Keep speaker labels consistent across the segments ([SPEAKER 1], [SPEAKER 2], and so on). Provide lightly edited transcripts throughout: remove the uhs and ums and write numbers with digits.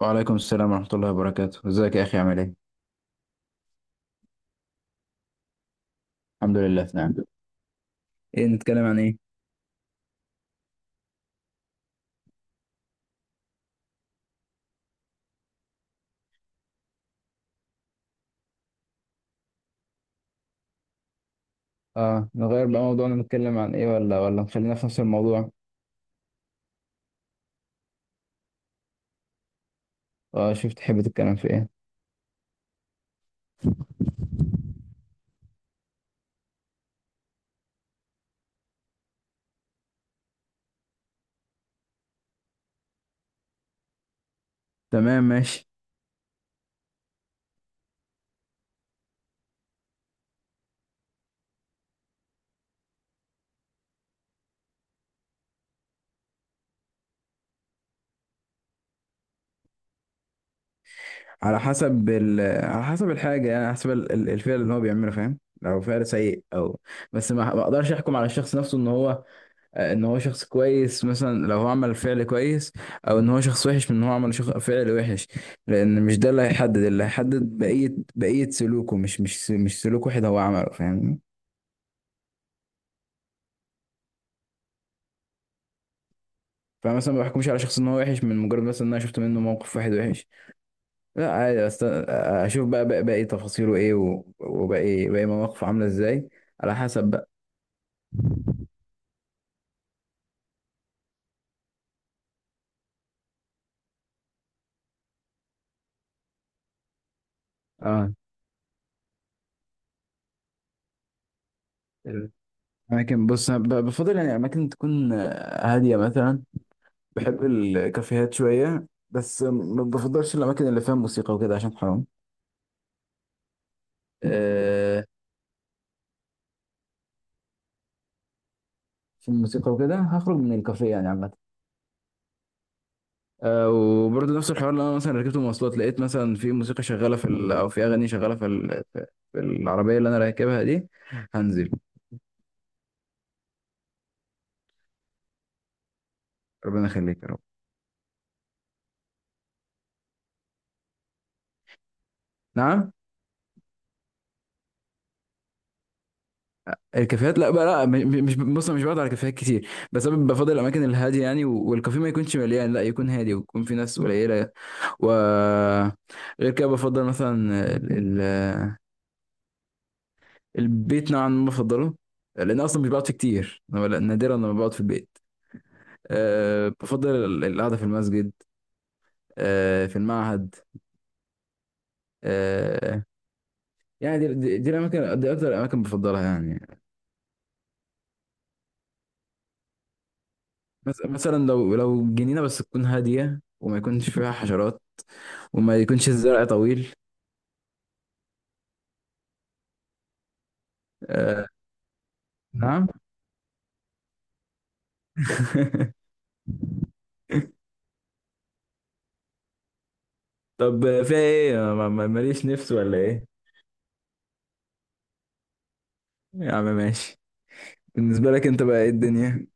[SPEAKER 1] وعليكم السلام ورحمة الله وبركاته، ازيك يا أخي؟ عامل ايه؟ الحمد لله في نعم. ايه نتكلم عن ايه؟ اه، نغير بقى موضوعنا، نتكلم عن ايه ولا نخلينا في نفس الموضوع. اه شوف تحب تتكلم في ايه. تمام ماشي. على حسب على حسب الحاجة، يعني على حسب الفعل اللي هو بيعمله، فاهم؟ لو فعل سيء او بس ما اقدرش احكم على الشخص نفسه ان هو ان هو شخص كويس مثلا لو هو عمل فعل كويس، او ان هو شخص وحش من ان هو عمل فعل وحش، لان مش ده اللي هيحدد، اللي هيحدد بقية سلوكه، مش سلوك واحد هو عمله، فاهمني؟ فمثلا ما بحكمش على شخص ان هو وحش من مجرد مثلا ان انا شفت منه موقف واحد وحش. لا عادي، اشوف بقى باقي تفاصيله ايه، وباقي مواقفه عاملة ازاي، على حسب بقى. اه. الاماكن، بص أنا بفضل يعني اماكن تكون هادية مثلا. بحب الكافيهات شوية بس ما بفضلش الأماكن اللي فيها موسيقى وكده عشان حرام. آه. في الموسيقى وكده هخرج من الكافيه يعني عامة. آه، وبرضه نفس الحوار اللي أنا مثلا ركبت مواصلات لقيت مثلا في موسيقى شغالة في أو في أغاني شغالة في في في العربية اللي أنا راكبها دي، هنزل. ربنا يخليك يا رب. نعم. الكافيهات لا بقى لا، مش، بص أنا مش بقعد على كافيهات كتير بس انا بفضل الاماكن الهاديه يعني، والكافيه ما يكونش مليان، لا يكون هادي ويكون في ناس قليله. و غير كده بفضل مثلا ال... ال- البيت نوعا ما بفضله لان أنا اصلا مش بقعد فيه كتير أنا، نادرا لما بقعد في البيت. أه بفضل القعده في المسجد، أه في المعهد، أه، يعني دي الاماكن، دي اكتر الاماكن بفضلها يعني. مثلا لو جنينه بس تكون هاديه وما يكونش فيها حشرات وما يكونش الزرع طويل. آه. نعم. طب فيها ايه؟ ماليش نفس ولا ايه؟ يا عم ماشي. بالنسبة لك انت بقى ايه الدنيا.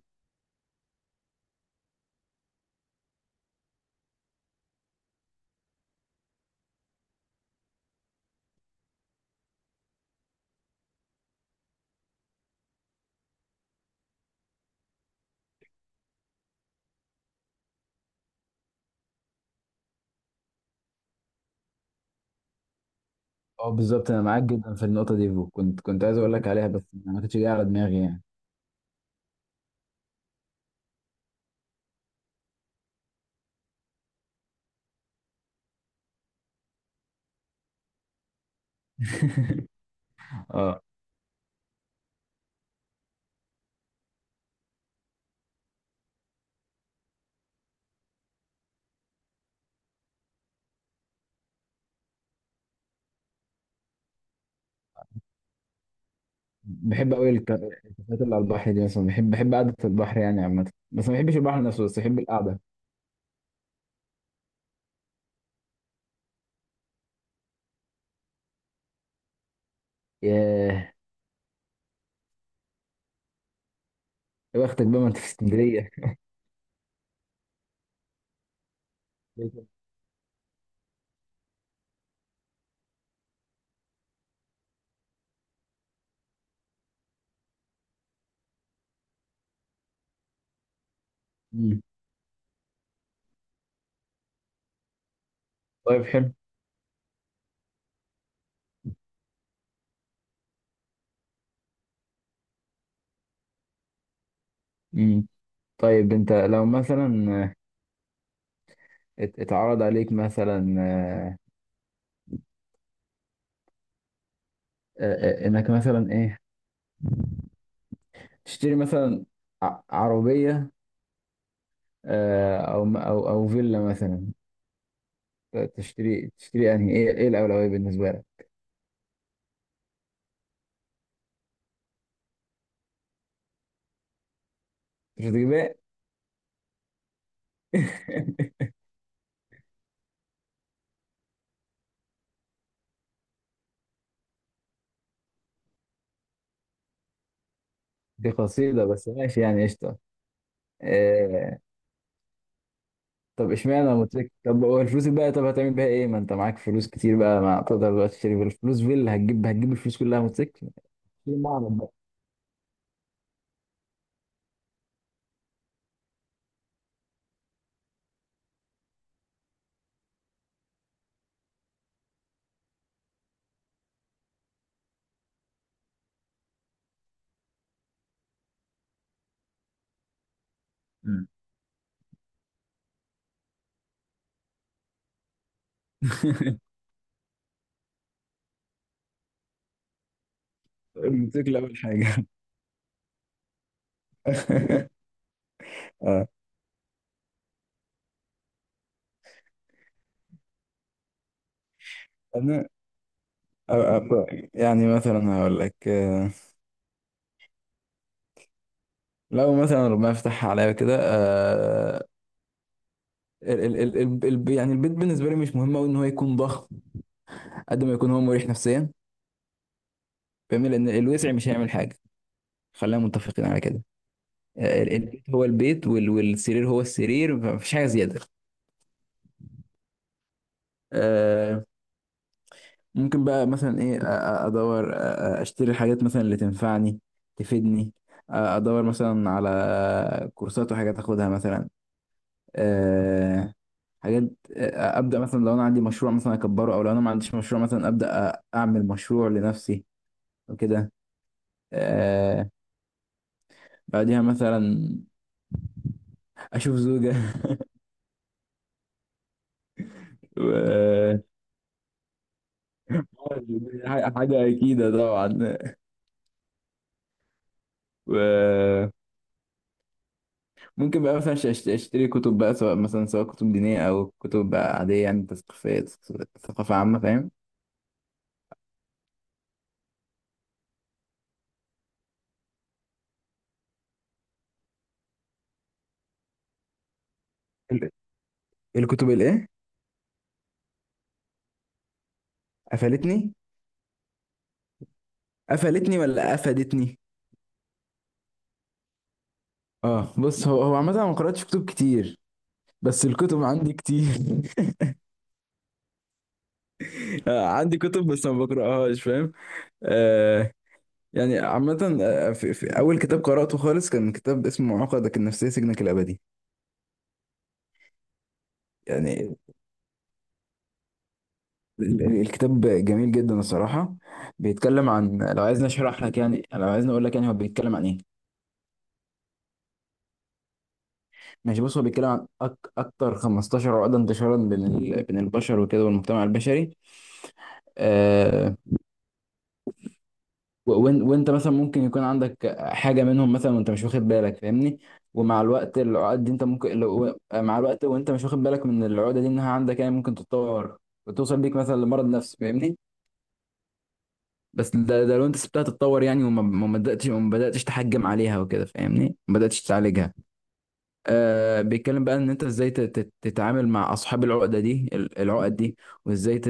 [SPEAKER 1] اه بالظبط انا معاك جدا في النقطه دي، وكنت عايز اقول لك عليها بس ما كنتش جاي على دماغي يعني. اه. بحب قوي الكافيهات اللي على البحر دي، مثلا بحب قعده البحر يعني عامه، بس ما بحبش البحر نفسه، بس بحب القعده. ياه، يا بختك بقى ما انت في اسكندريه. مم. طيب حلو. مم. طيب انت لو مثلا اتعرض عليك مثلا انك مثلا ايه، تشتري مثلا عربية، آه، او او فيلا مثلا، تشتري انهي، ايه ايه الأولوية بالنسبة لك؟ مش هتجيبها. دي قصيدة بس ماشي يعني قشطة. آه. طب اشمعنى موتوسيكل؟ طب هو الفلوس بقى طب هتعمل بيها ايه؟ ما انت معاك فلوس كتير بقى، ما تقدر بقى تشتري بالفلوس فيلا، هتجيب الفلوس كلها موتوسيكل؟ في معرض بقى. مم. الموتوسيكل اول حاجه. اه، يعني مثلا هقول لك، آه، لو مثلا ربنا يفتحها عليا كده، آه، يعني البيت بالنسبه لي مش مهم قوي ان هو يكون ضخم، قد ما يكون هو مريح نفسيا، فاهمني؟ لان الوسع مش هيعمل حاجه، خلينا متفقين على كده. آه، البيت هو البيت والسرير هو السرير، فمفيش حاجه زياده. آه، ممكن بقى مثلا ايه ادور اشتري الحاجات مثلا اللي تنفعني تفيدني، ادور مثلا على كورسات وحاجات اخدها مثلا. آه، حاجات، آه، ابدا مثلا لو انا عندي مشروع مثلا اكبره، او لو انا ما عنديش مشروع مثلا ابدا اعمل مشروع لنفسي وكده. آه، بعديها مثلا اشوف زوجة. و- حاجة أكيدة طبعا. وممكن بقى مثلا أشتري كتب بقى، سواء مثلا سواء كتب دينية أو كتب بقى عادية يعني تثقيفية، ثقافة عامة فاهم. ال- الكتب الإيه؟ قفلتني؟ قفلتني ولا أفادتني؟ اه بص هو عامة أنا ما قرأتش كتب كتير، بس الكتب عندي كتير. آه، عندي كتب بس ما بقرأهاش فاهم. آه، يعني عامة آه، في أول كتاب قرأته خالص كان كتاب اسمه عقدك النفسية سجنك الأبدي يعني. الكتاب جميل جدا الصراحة، بيتكلم عن، لو عايزني أشرح لك يعني، لو عايزني أقول لك يعني هو بيتكلم عن إيه. ماشي، بص هو بيتكلم عن أكتر 15 عقدة انتشارا بين بين البشر وكده والمجتمع البشري، آه، وانت مثلا ممكن يكون عندك حاجه منهم مثلا وانت مش واخد بالك، فاهمني؟ ومع الوقت العقد دي انت ممكن، لو مع الوقت وانت مش واخد بالك من العقده دي انها عندك يعني ممكن تتطور وتوصل بيك مثلا لمرض نفسي، فاهمني؟ بس ده لو انت سبتها تتطور يعني، وما ما بداتش، وما بداتش تحجم عليها وكده فاهمني، ما بداتش تعالجها. آه بيتكلم بقى ان انت ازاي تتعامل مع اصحاب العقده دي، العقد دي، وازاي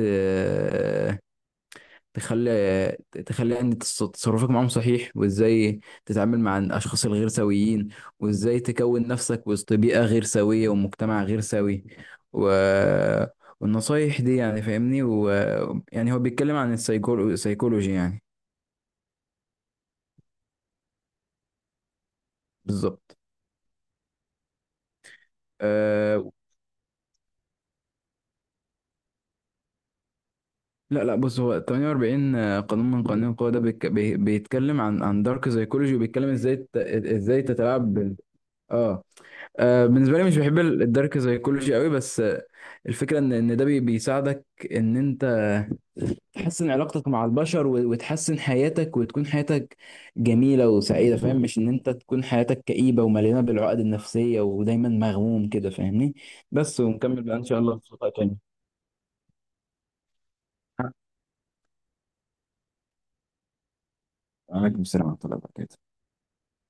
[SPEAKER 1] تخلي ان تصرفك معاهم صحيح، وازاي تتعامل مع الاشخاص الغير سويين، وازاي تكون نفسك وسط بيئة غير سوية ومجتمع غير سوي، و... والنصايح دي يعني فاهمني، ويعني هو بيتكلم عن السيكولوجي يعني. بالظبط. أه... لا بص، هو 48 قانون من قوانين القوة، ده بيتكلم عن عن دارك سيكولوجي، وبيتكلم ازاي ازاي تتلاعب اه. آه، بالنسبه لي مش بحب الدارك سايكولوجي قوي، بس آه، الفكره ان ده بيساعدك ان انت تحسن علاقتك مع البشر، وتحسن حياتك وتكون حياتك جميله وسعيده فاهم، مش ان انت تكون حياتك كئيبه ومليانه بالعقد النفسيه ودايما مغموم كده فاهمني. بس ونكمل بقى ان شاء الله في لقاء تاني. عليكم السلام ورحمة الله وبركاته.